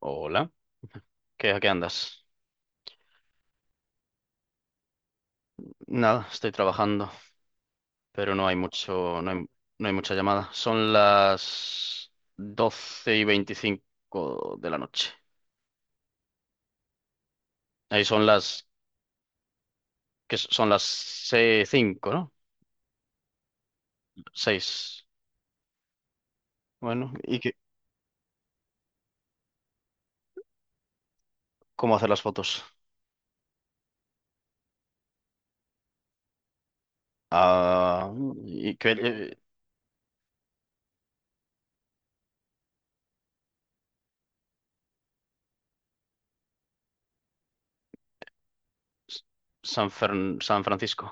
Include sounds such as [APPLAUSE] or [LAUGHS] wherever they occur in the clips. Hola. ¿A qué andas? Nada, estoy trabajando, pero no hay mucho, no hay mucha llamada. Son las 12:25 de la noche. Ahí son las, que son las se- 5, ¿no? 6. Bueno, ¿Cómo hacer las fotos? Ah, ¿y qué, eh, San Francisco.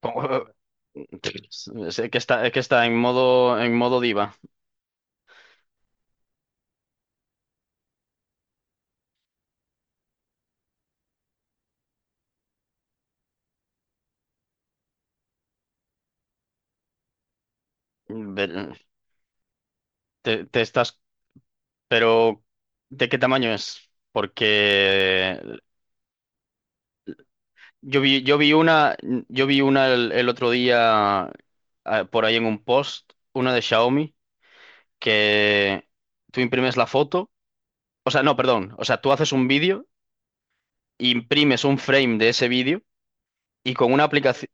¿Cómo- [LAUGHS] Sé que está en modo diva. Ve- Te estás Pero, ¿de qué tamaño es? Porque yo vi, yo vi una, yo vi una el otro día, por ahí en un post, una de Xiaomi, que tú imprimes la foto. O sea, no, perdón, o sea, tú haces un vídeo, imprimes un frame de ese vídeo, y con una aplicación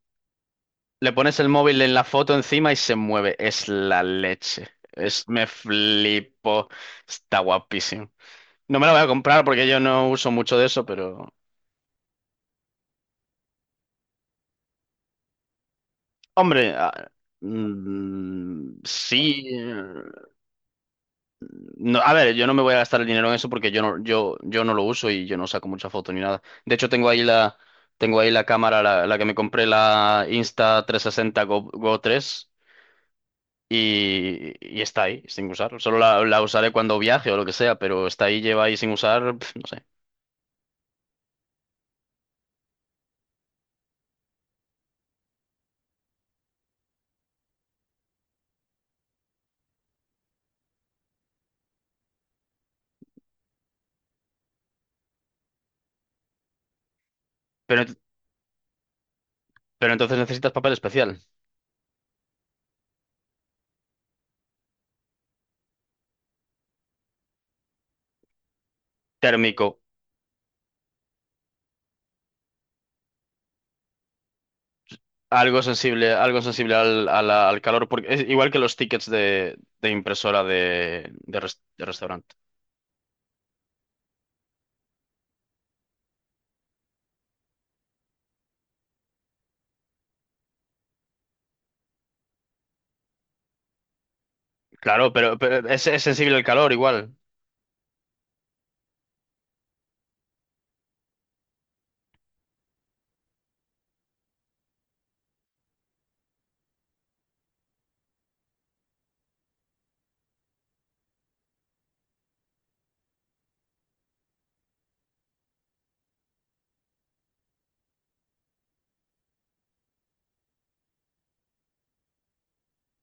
le pones el móvil en la foto encima y se mueve. Es la leche. Me flipo. Está guapísimo. No me la voy a comprar porque yo no uso mucho de eso, pero... Hombre, sí. No, a ver, yo no me voy a gastar el dinero en eso porque yo no, yo no lo uso y yo no saco mucha foto ni nada. De hecho, tengo ahí la cámara, la que me compré, la Insta360 Go tres, y está ahí, sin usar. Solo la usaré cuando viaje o lo que sea, pero está ahí, lleva ahí sin usar, no sé. Pero, ent- pero entonces necesitas papel especial, térmico. Algo sensible al calor, porque es igual que los tickets de impresora de restaurante. Claro, pero, es sensible al calor igual.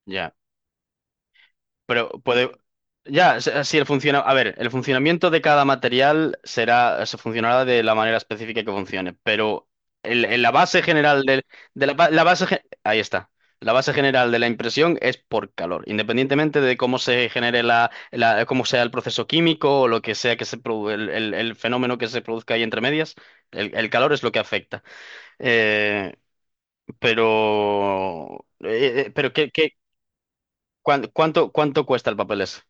Ya. Pero puede, Ya, si el funciona, a ver, el funcionamiento de cada material será, se funcionará de la manera específica que funcione, pero la base general del, de la, ba- la base general de la impresión es por calor, independientemente de cómo se genere cómo sea el proceso químico o lo que sea, que se produ- el fenómeno que se produzca ahí entre medias. El el calor es lo que afecta. Eh, pero, eh, eh, pero ¿qué, qué- ¿cuánto, cuánto cuesta el papel ese?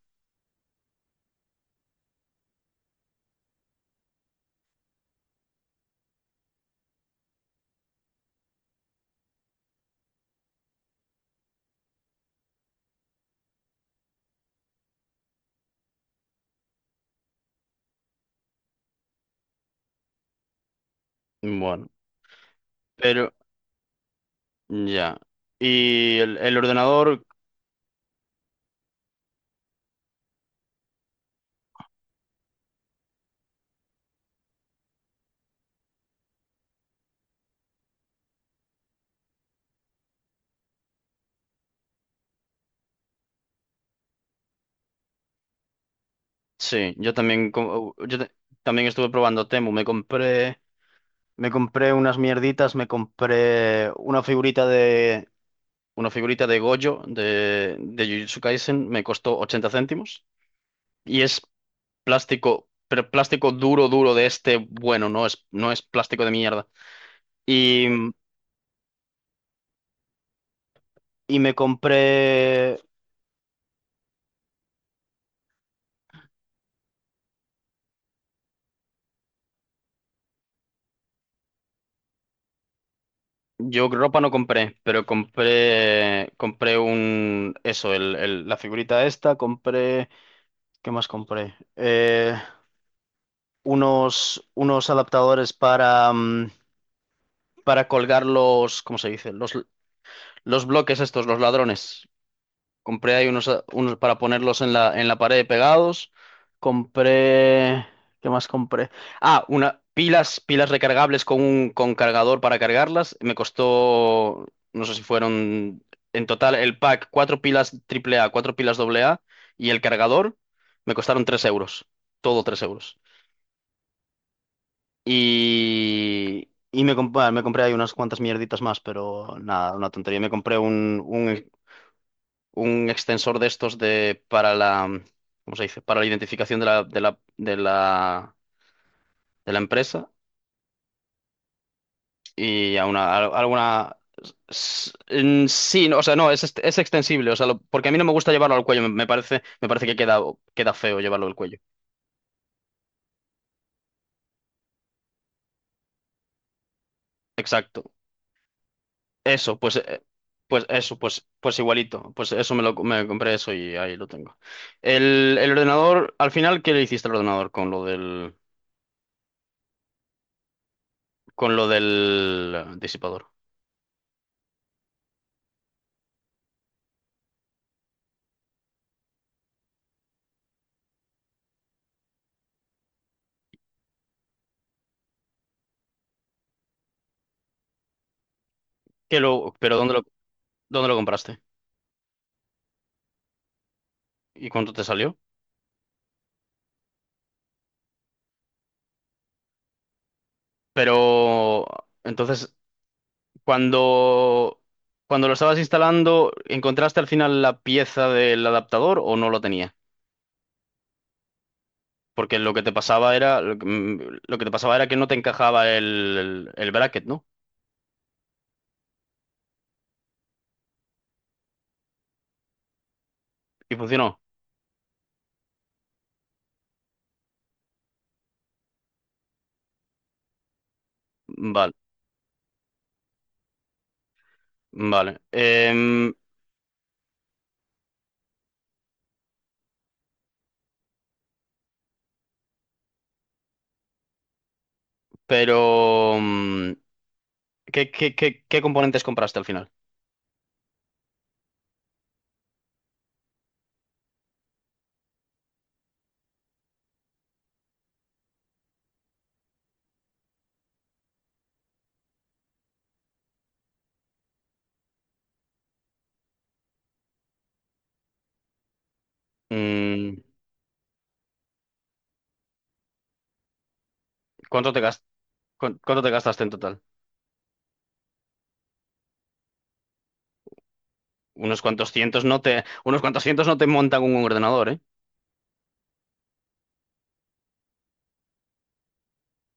Bueno. pero Ya. Y el ordenador. Sí, yo también, también estuve probando Temu. Me compré unas mierditas, me compré una figurita de Gojo de Jujutsu Kaisen, me costó 80 céntimos. Y es plástico, pero plástico duro, duro de este. Bueno, no es plástico de mierda. Y, y me compré Yo ropa no compré, pero compré un, eso, la figurita esta, compré. ¿Qué más compré? Unos adaptadores para colgar los, ¿cómo se dice? Los bloques estos, los ladrones. Compré ahí unos para ponerlos en la pared pegados. Compré. ¿Qué más compré? Ah, una, pilas recargables con un con cargador para cargarlas. Me costó, no sé si fueron en total el pack, cuatro pilas triple A, cuatro pilas doble A y el cargador. Me costaron 3 euros. Todo 3 euros. Me compré ahí unas cuantas mierditas más, pero nada, una tontería. Me compré un extensor de estos, de para la, ¿cómo se dice? Para la identificación de la empresa. Y a una, a alguna en sí, no, o sea, no, es, es extensible, o sea, porque a mí no me gusta llevarlo al cuello, me parece, que queda, queda feo llevarlo al cuello. Exacto. Eso, pues pues eso, pues pues igualito, pues eso me compré eso y ahí lo tengo. El ordenador, al final, ¿qué le hiciste al ordenador con lo del, disipador? Qué lo, pero ¿dónde lo ¿Dónde lo compraste? ¿Y cuánto te salió? Pero entonces, cuando, cuando lo estabas instalando, ¿encontraste al final la pieza del adaptador o no lo tenía? Porque lo que te pasaba era que no te encajaba bracket, ¿no? Y funcionó. Vale, vale. Pero, mm, ¿Qué componentes compraste al final? Mm, ¿cuánto te gas- ¿Cuánto te gastaste en total? Unos cuantos cientos no te montan un ordenador, ¿eh?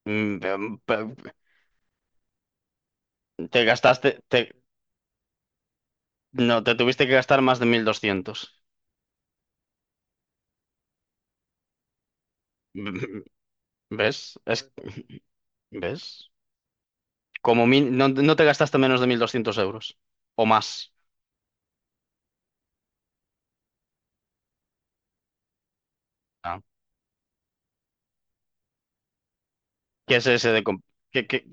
Mm, em, pe- Te gastaste, te, no, te tuviste que gastar más de 1200. Mm, ¿Ves? ¿Ves? No, no te gastaste menos de 1200 euros o más. Ah. ¿Qué es SSD? ¿Qué, qué,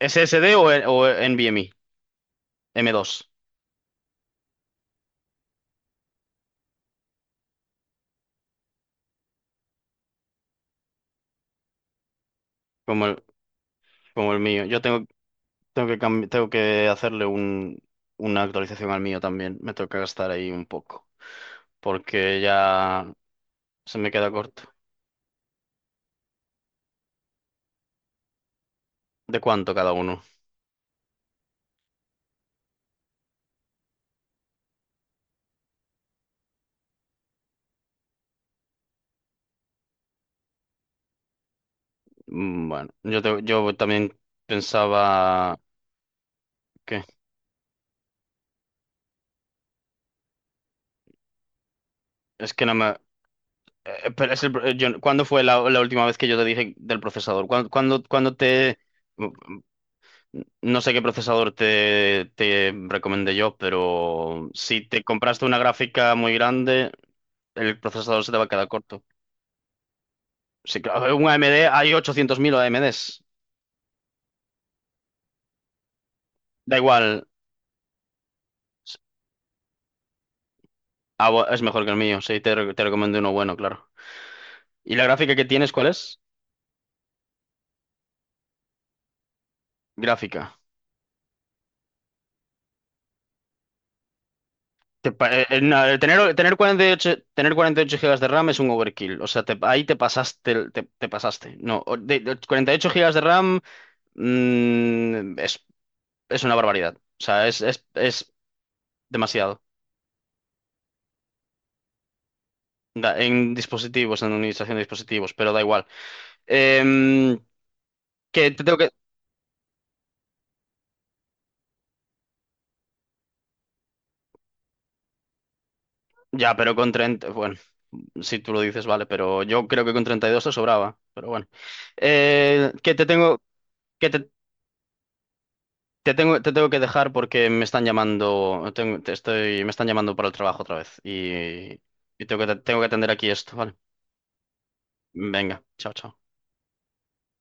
¿SSD o NVMe? M2, como el, como el mío. Tengo que tengo que hacerle una actualización al mío también. Me toca gastar ahí un poco, porque ya se me queda corto. ¿De cuánto cada uno? Bueno, yo también pensaba que es que no me... Pero es el pro- yo- ¿Cuándo fue la última vez que yo te dije del procesador? ¿Cuándo te... mm, No sé qué procesador te recomendé yo, pero si te compraste una gráfica muy grande, el procesador se te va a quedar corto. Sí, claro, un AMD, hay 800.000 AMDs. Da igual. Ah, es mejor que el mío, sí, te recomiendo uno bueno, claro. ¿Y la gráfica que tienes, cuál es? Gráfica. No, el tener 48 gigas de RAM es un overkill. O sea, ahí te pasaste, te pasaste. No, de 48 gigas de RAM, mm, es, es una barbaridad. O sea, es demasiado. En administración de dispositivos, pero da igual. Em, que te tengo que... Ya, pero con 30... Bueno, si tú lo dices, vale, pero yo creo que con 32 te sobraba. Pero bueno. Que te tengo... Te tengo que dejar porque me están llamando, me están llamando para el trabajo otra vez, y tengo tengo que atender aquí esto, ¿vale? Venga, chao, chao.